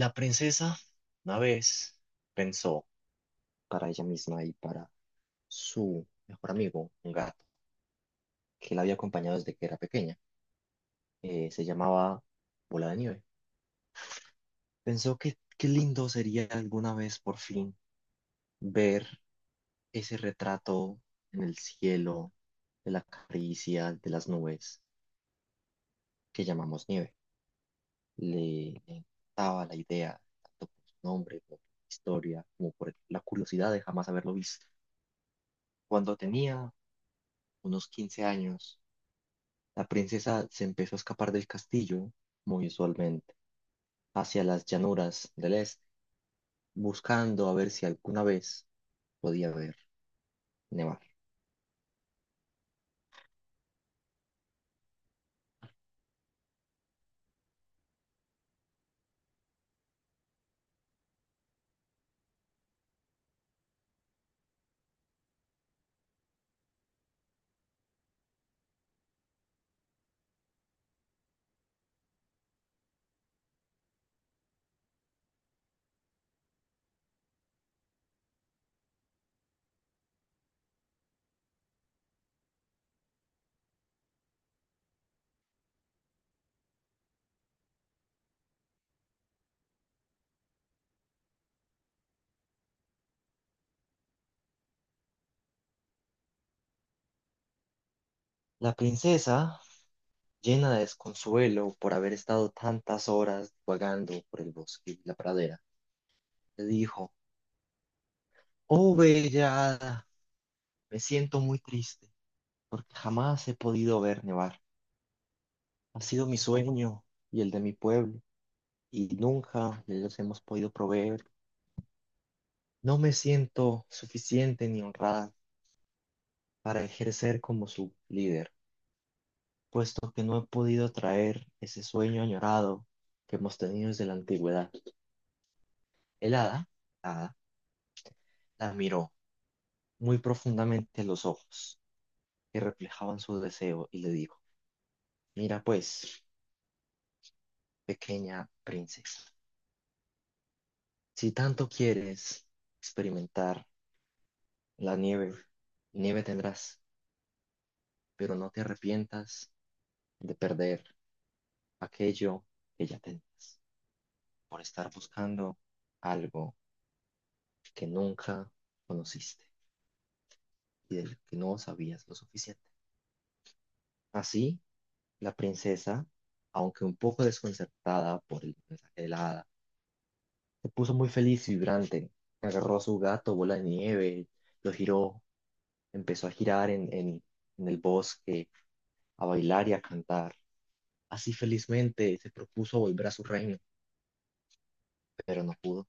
La princesa una vez pensó para ella misma y para su mejor amigo, un gato, que la había acompañado desde que era pequeña. Se llamaba Bola de Nieve. Pensó que qué lindo sería alguna vez por fin ver ese retrato en el cielo, de la caricia de las nubes que llamamos nieve. Le encantaba la idea, tanto por su nombre, como por su historia, como por la curiosidad de jamás haberlo visto. Cuando tenía unos 15 años, la princesa se empezó a escapar del castillo, muy usualmente, hacia las llanuras del este, buscando a ver si alguna vez podía ver nevar. La princesa, llena de desconsuelo por haber estado tantas horas vagando por el bosque y la pradera, le dijo: "Oh, bella hada, me siento muy triste porque jamás he podido ver nevar. Ha sido mi sueño y el de mi pueblo y nunca les hemos podido proveer. No me siento suficiente ni honrada para ejercer como su líder, puesto que no he podido traer ese sueño añorado que hemos tenido desde la antigüedad". El hada la miró muy profundamente en los ojos que reflejaban su deseo y le dijo: "Mira pues, pequeña princesa, si tanto quieres experimentar la nieve, nieve tendrás, pero no te arrepientas de perder aquello que ya tenías por estar buscando algo que nunca conociste y del que no sabías lo suficiente". Así, la princesa, aunque un poco desconcertada por el mensaje de la hada, se puso muy feliz y vibrante. Agarró a su gato, Bola de Nieve, lo giró, empezó a girar en el bosque, a bailar y a cantar. Así felizmente se propuso volver a su reino, pero no pudo.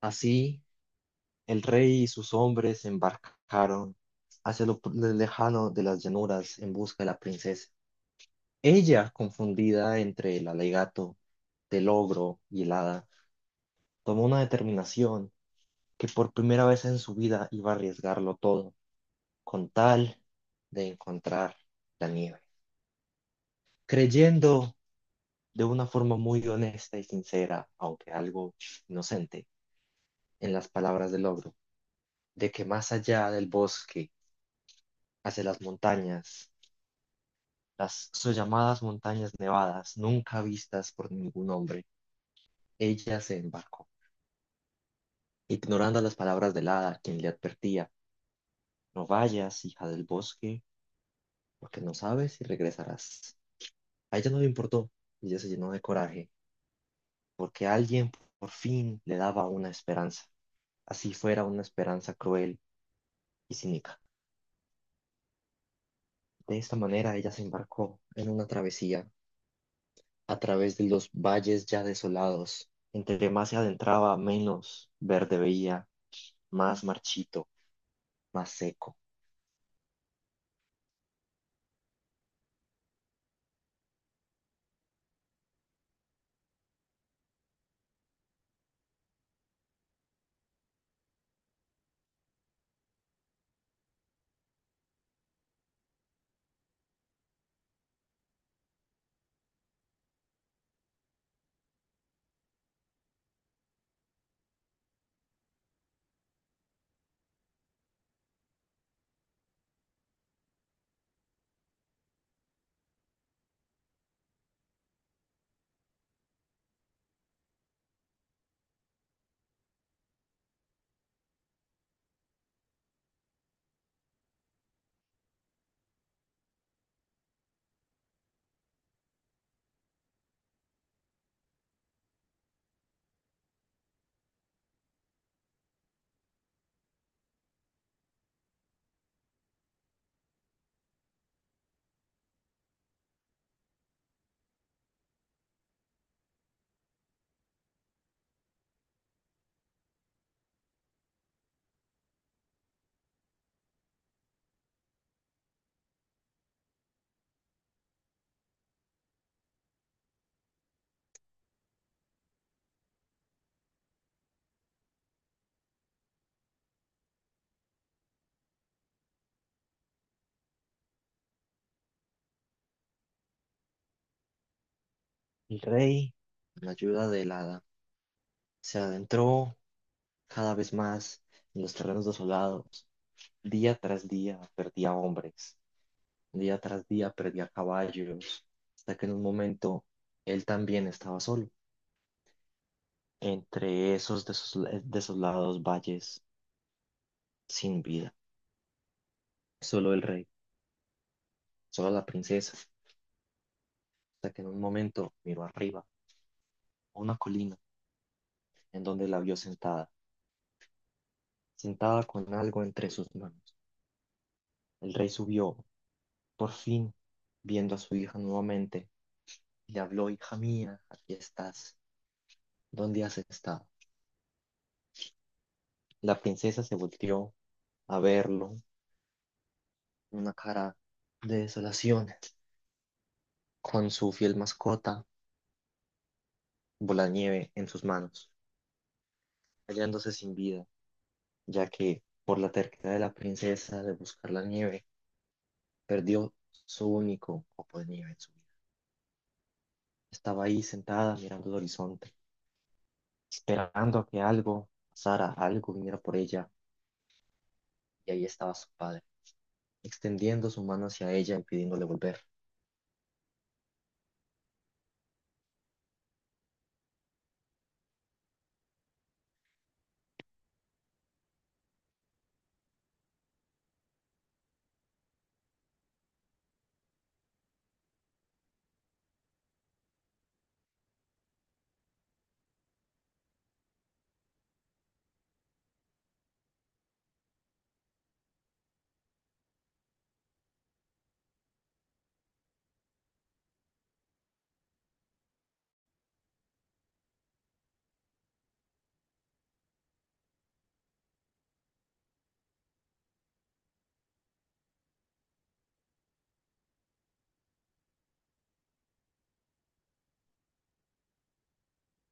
Así, el rey y sus hombres se embarcaron hacia lo lejano de las llanuras en busca de la princesa. Ella, confundida entre el alegato del ogro y el hada, tomó una determinación: que por primera vez en su vida iba a arriesgarlo todo con tal de encontrar la nieve, creyendo de una forma muy honesta y sincera, aunque algo inocente, en las palabras del ogro, de que más allá del bosque, hacia las montañas, las sollamadas montañas nevadas, nunca vistas por ningún hombre. Ella se embarcó, ignorando las palabras del hada, quien le advertía: "No vayas, hija del bosque, porque no sabes si regresarás". A ella no le importó, y ella se llenó de coraje, porque alguien por fin le daba una esperanza, así fuera una esperanza cruel y cínica. De esta manera ella se embarcó en una travesía a través de los valles ya desolados. Entre más se adentraba, menos verde veía, más marchito, más seco. El rey, con la ayuda del hada, se adentró cada vez más en los terrenos desolados. Día tras día perdía hombres, día tras día perdía caballos, hasta que en un momento él también estaba solo, entre esos desolados valles sin vida. Solo el rey, solo la princesa, hasta que en un momento miró arriba, a una colina en donde la vio sentada, sentada con algo entre sus manos. El rey subió. Por fin, viendo a su hija nuevamente, le habló: "Hija mía, aquí estás. ¿Dónde has estado?". La princesa se volteó a verlo, una cara de desolación, con su fiel mascota, Bolanieve, en sus manos, hallándose sin vida, ya que por la terquedad de la princesa de buscar la nieve, perdió su único copo de nieve en su vida. Estaba ahí sentada mirando el horizonte, esperando a que algo pasara, algo viniera por ella, y ahí estaba su padre extendiendo su mano hacia ella y pidiéndole volver.